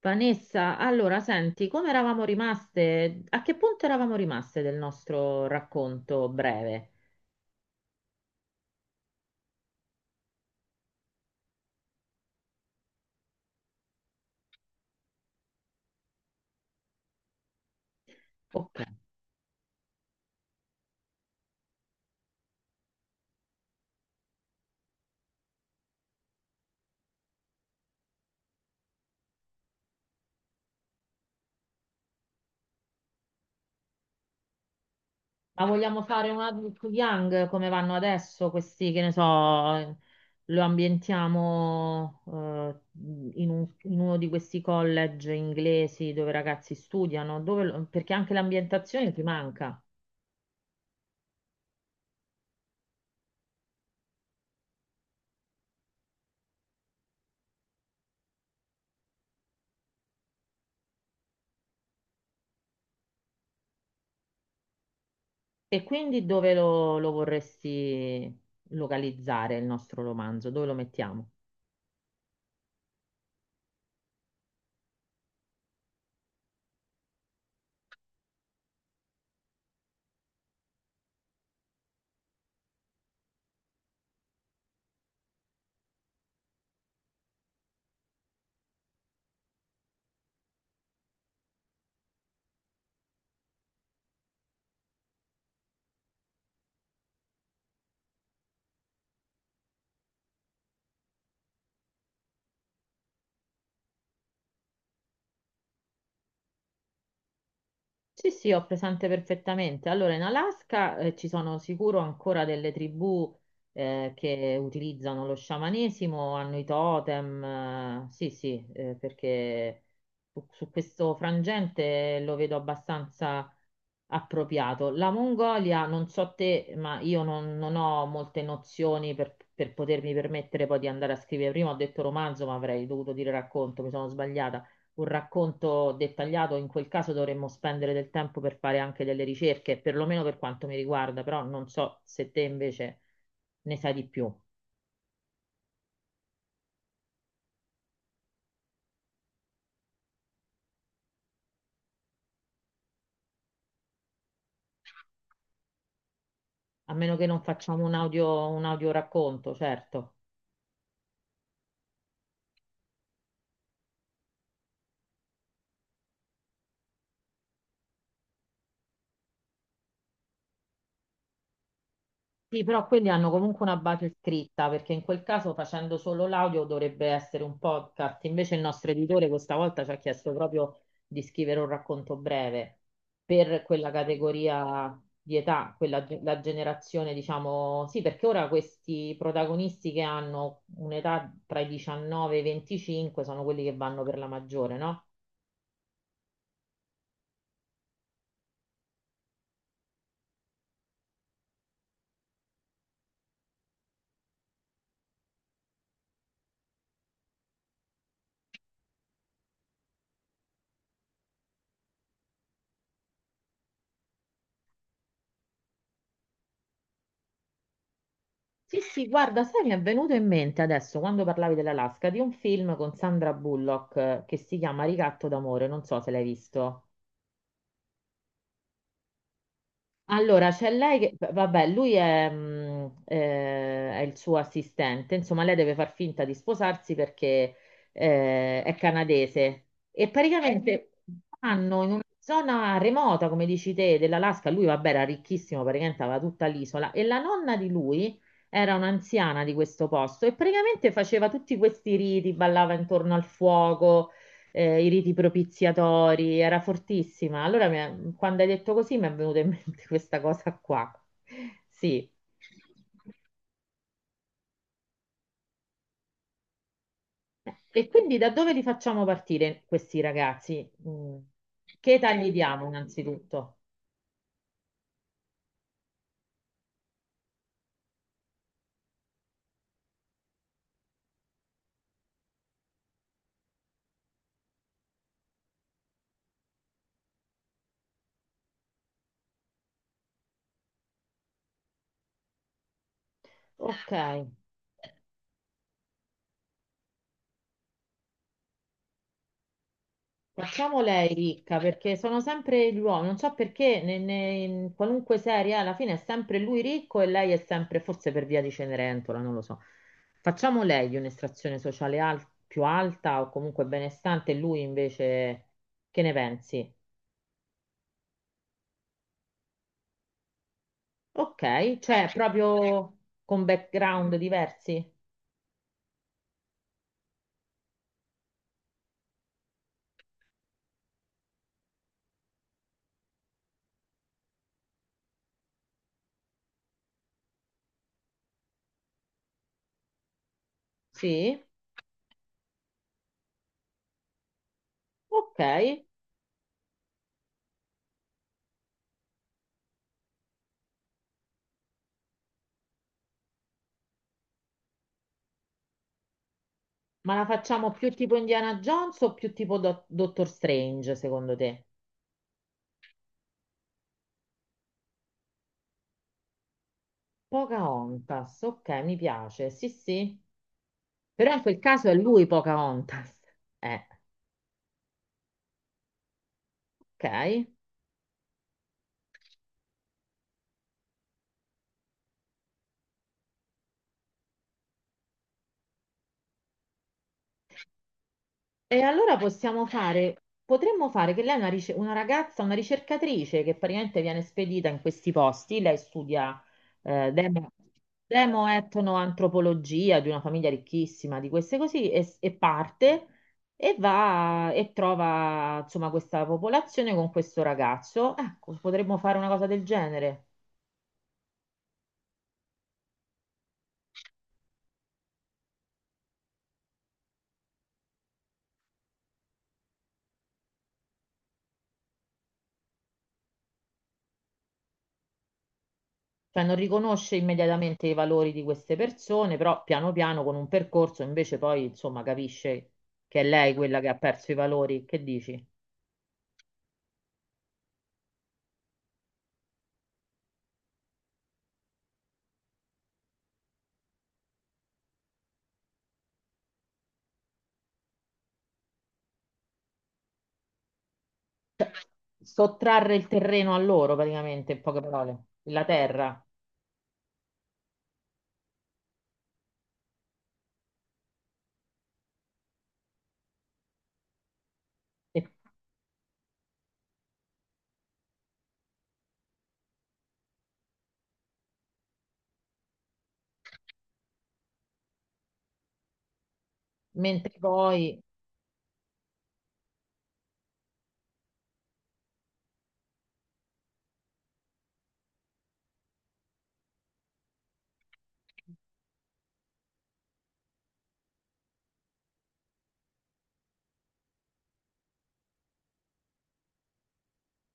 Vanessa, allora senti, come eravamo rimaste? A che punto eravamo rimaste del nostro racconto breve? Ok, ma vogliamo fare un adult young come vanno adesso questi, che ne so, lo ambientiamo in un- in uno di questi college inglesi dove i ragazzi studiano, dove perché anche l'ambientazione ti manca. E quindi dove lo vorresti localizzare il nostro romanzo? Dove lo mettiamo? Sì, sì, ho presente perfettamente. Allora, in Alaska ci sono sicuro ancora delle tribù che utilizzano lo sciamanesimo, hanno i totem. Eh, sì, sì, perché su questo frangente lo vedo abbastanza appropriato. La Mongolia, non so te, ma io non, non ho molte nozioni per potermi permettere poi di andare a scrivere. Prima ho detto romanzo, ma avrei dovuto dire racconto, mi sono sbagliata. Un racconto dettagliato, in quel caso dovremmo spendere del tempo per fare anche delle ricerche, perlomeno per quanto mi riguarda, però non so se te invece ne sai di più. A meno che non facciamo un audio racconto, certo. Sì, però quelli hanno comunque una base scritta, perché in quel caso facendo solo l'audio dovrebbe essere un podcast. Invece il nostro editore questa volta ci ha chiesto proprio di scrivere un racconto breve per quella categoria di età, quella, la generazione, diciamo, sì, perché ora questi protagonisti che hanno un'età tra i 19 e i 25 sono quelli che vanno per la maggiore, no? Sì, sì, guarda, sai, mi è venuto in mente adesso, quando parlavi dell'Alaska, di un film con Sandra Bullock che si chiama Ricatto d'amore, non so se l'hai visto. Allora, c'è lei che, vabbè, lui è il suo assistente, insomma, lei deve far finta di sposarsi perché è canadese e praticamente vanno in una zona remota, come dici te, dell'Alaska. Lui, vabbè, era ricchissimo, praticamente aveva tutta l'isola e la nonna di lui era un'anziana di questo posto e praticamente faceva tutti questi riti, ballava intorno al fuoco i riti propiziatori, era fortissima. Allora, quando hai detto così, mi è venuta in mente questa cosa qua. Sì. E quindi da dove li facciamo partire questi ragazzi? Mm. Che età gli diamo innanzitutto? Ok. Facciamo lei ricca perché sono sempre gli uomini, non so perché in qualunque serie alla fine è sempre lui ricco e lei è sempre, forse per via di Cenerentola, non lo so. Facciamo lei un'estrazione sociale più alta o comunque benestante e lui invece, che ne pensi? Ok, cioè proprio con background diversi? Sì, ok, ma la facciamo più tipo Indiana Jones o più tipo Doctor Strange secondo te? Pocahontas, ok, mi piace, sì, sì, però in quel caso è lui Pocahontas. Eh, ok. E allora possiamo fare, potremmo fare che lei è una, una ragazza, una ricercatrice che praticamente viene spedita in questi posti, lei studia eh, demo, demoetnoantropologia di una famiglia ricchissima, di queste così, e parte e va e trova insomma questa popolazione con questo ragazzo. Ecco, potremmo fare una cosa del genere. Cioè non riconosce immediatamente i valori di queste persone, però piano piano con un percorso invece poi insomma capisce che è lei quella che ha perso i valori. Che dici? Sottrarre il terreno a loro praticamente, in poche parole, la terra. E mentre poi...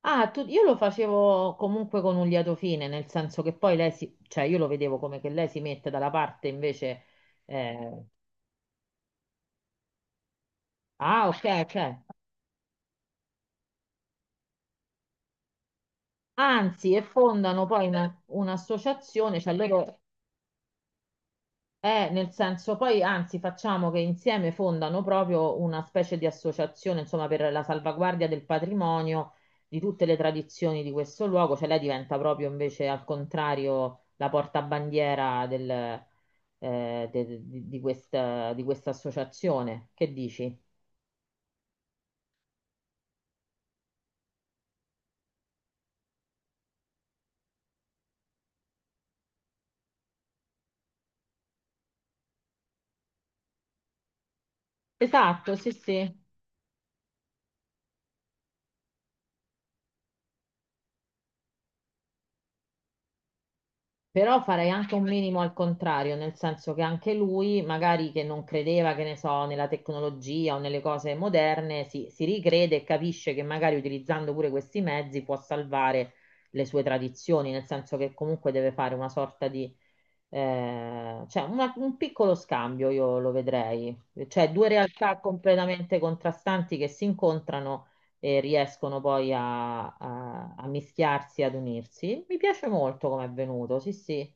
Ah, io lo facevo comunque con un lieto fine, nel senso che poi lei si... cioè io lo vedevo come che lei si mette dalla parte invece... eh, ah, ok, ok. Anzi, e fondano poi un'associazione, cioè loro, eh, nel senso, poi anzi facciamo che insieme fondano proprio una specie di associazione, insomma, per la salvaguardia del patrimonio di tutte le tradizioni di questo luogo, cioè lei diventa proprio invece al contrario la portabandiera del, di questa associazione. Che dici? Esatto, sì, sì. Però farei anche un minimo al contrario, nel senso che anche lui, magari che non credeva, che ne so, nella tecnologia o nelle cose moderne, si ricrede e capisce che magari utilizzando pure questi mezzi può salvare le sue tradizioni, nel senso che comunque deve fare una sorta di, cioè un piccolo scambio, io lo vedrei, cioè due realtà completamente contrastanti che si incontrano e riescono poi a mischiarsi, ad unirsi. Mi piace molto come è venuto, sì, sì.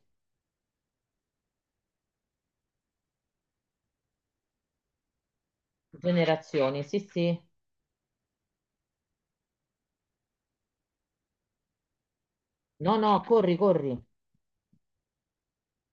Generazioni, sì, sì. No, no, corri, corri.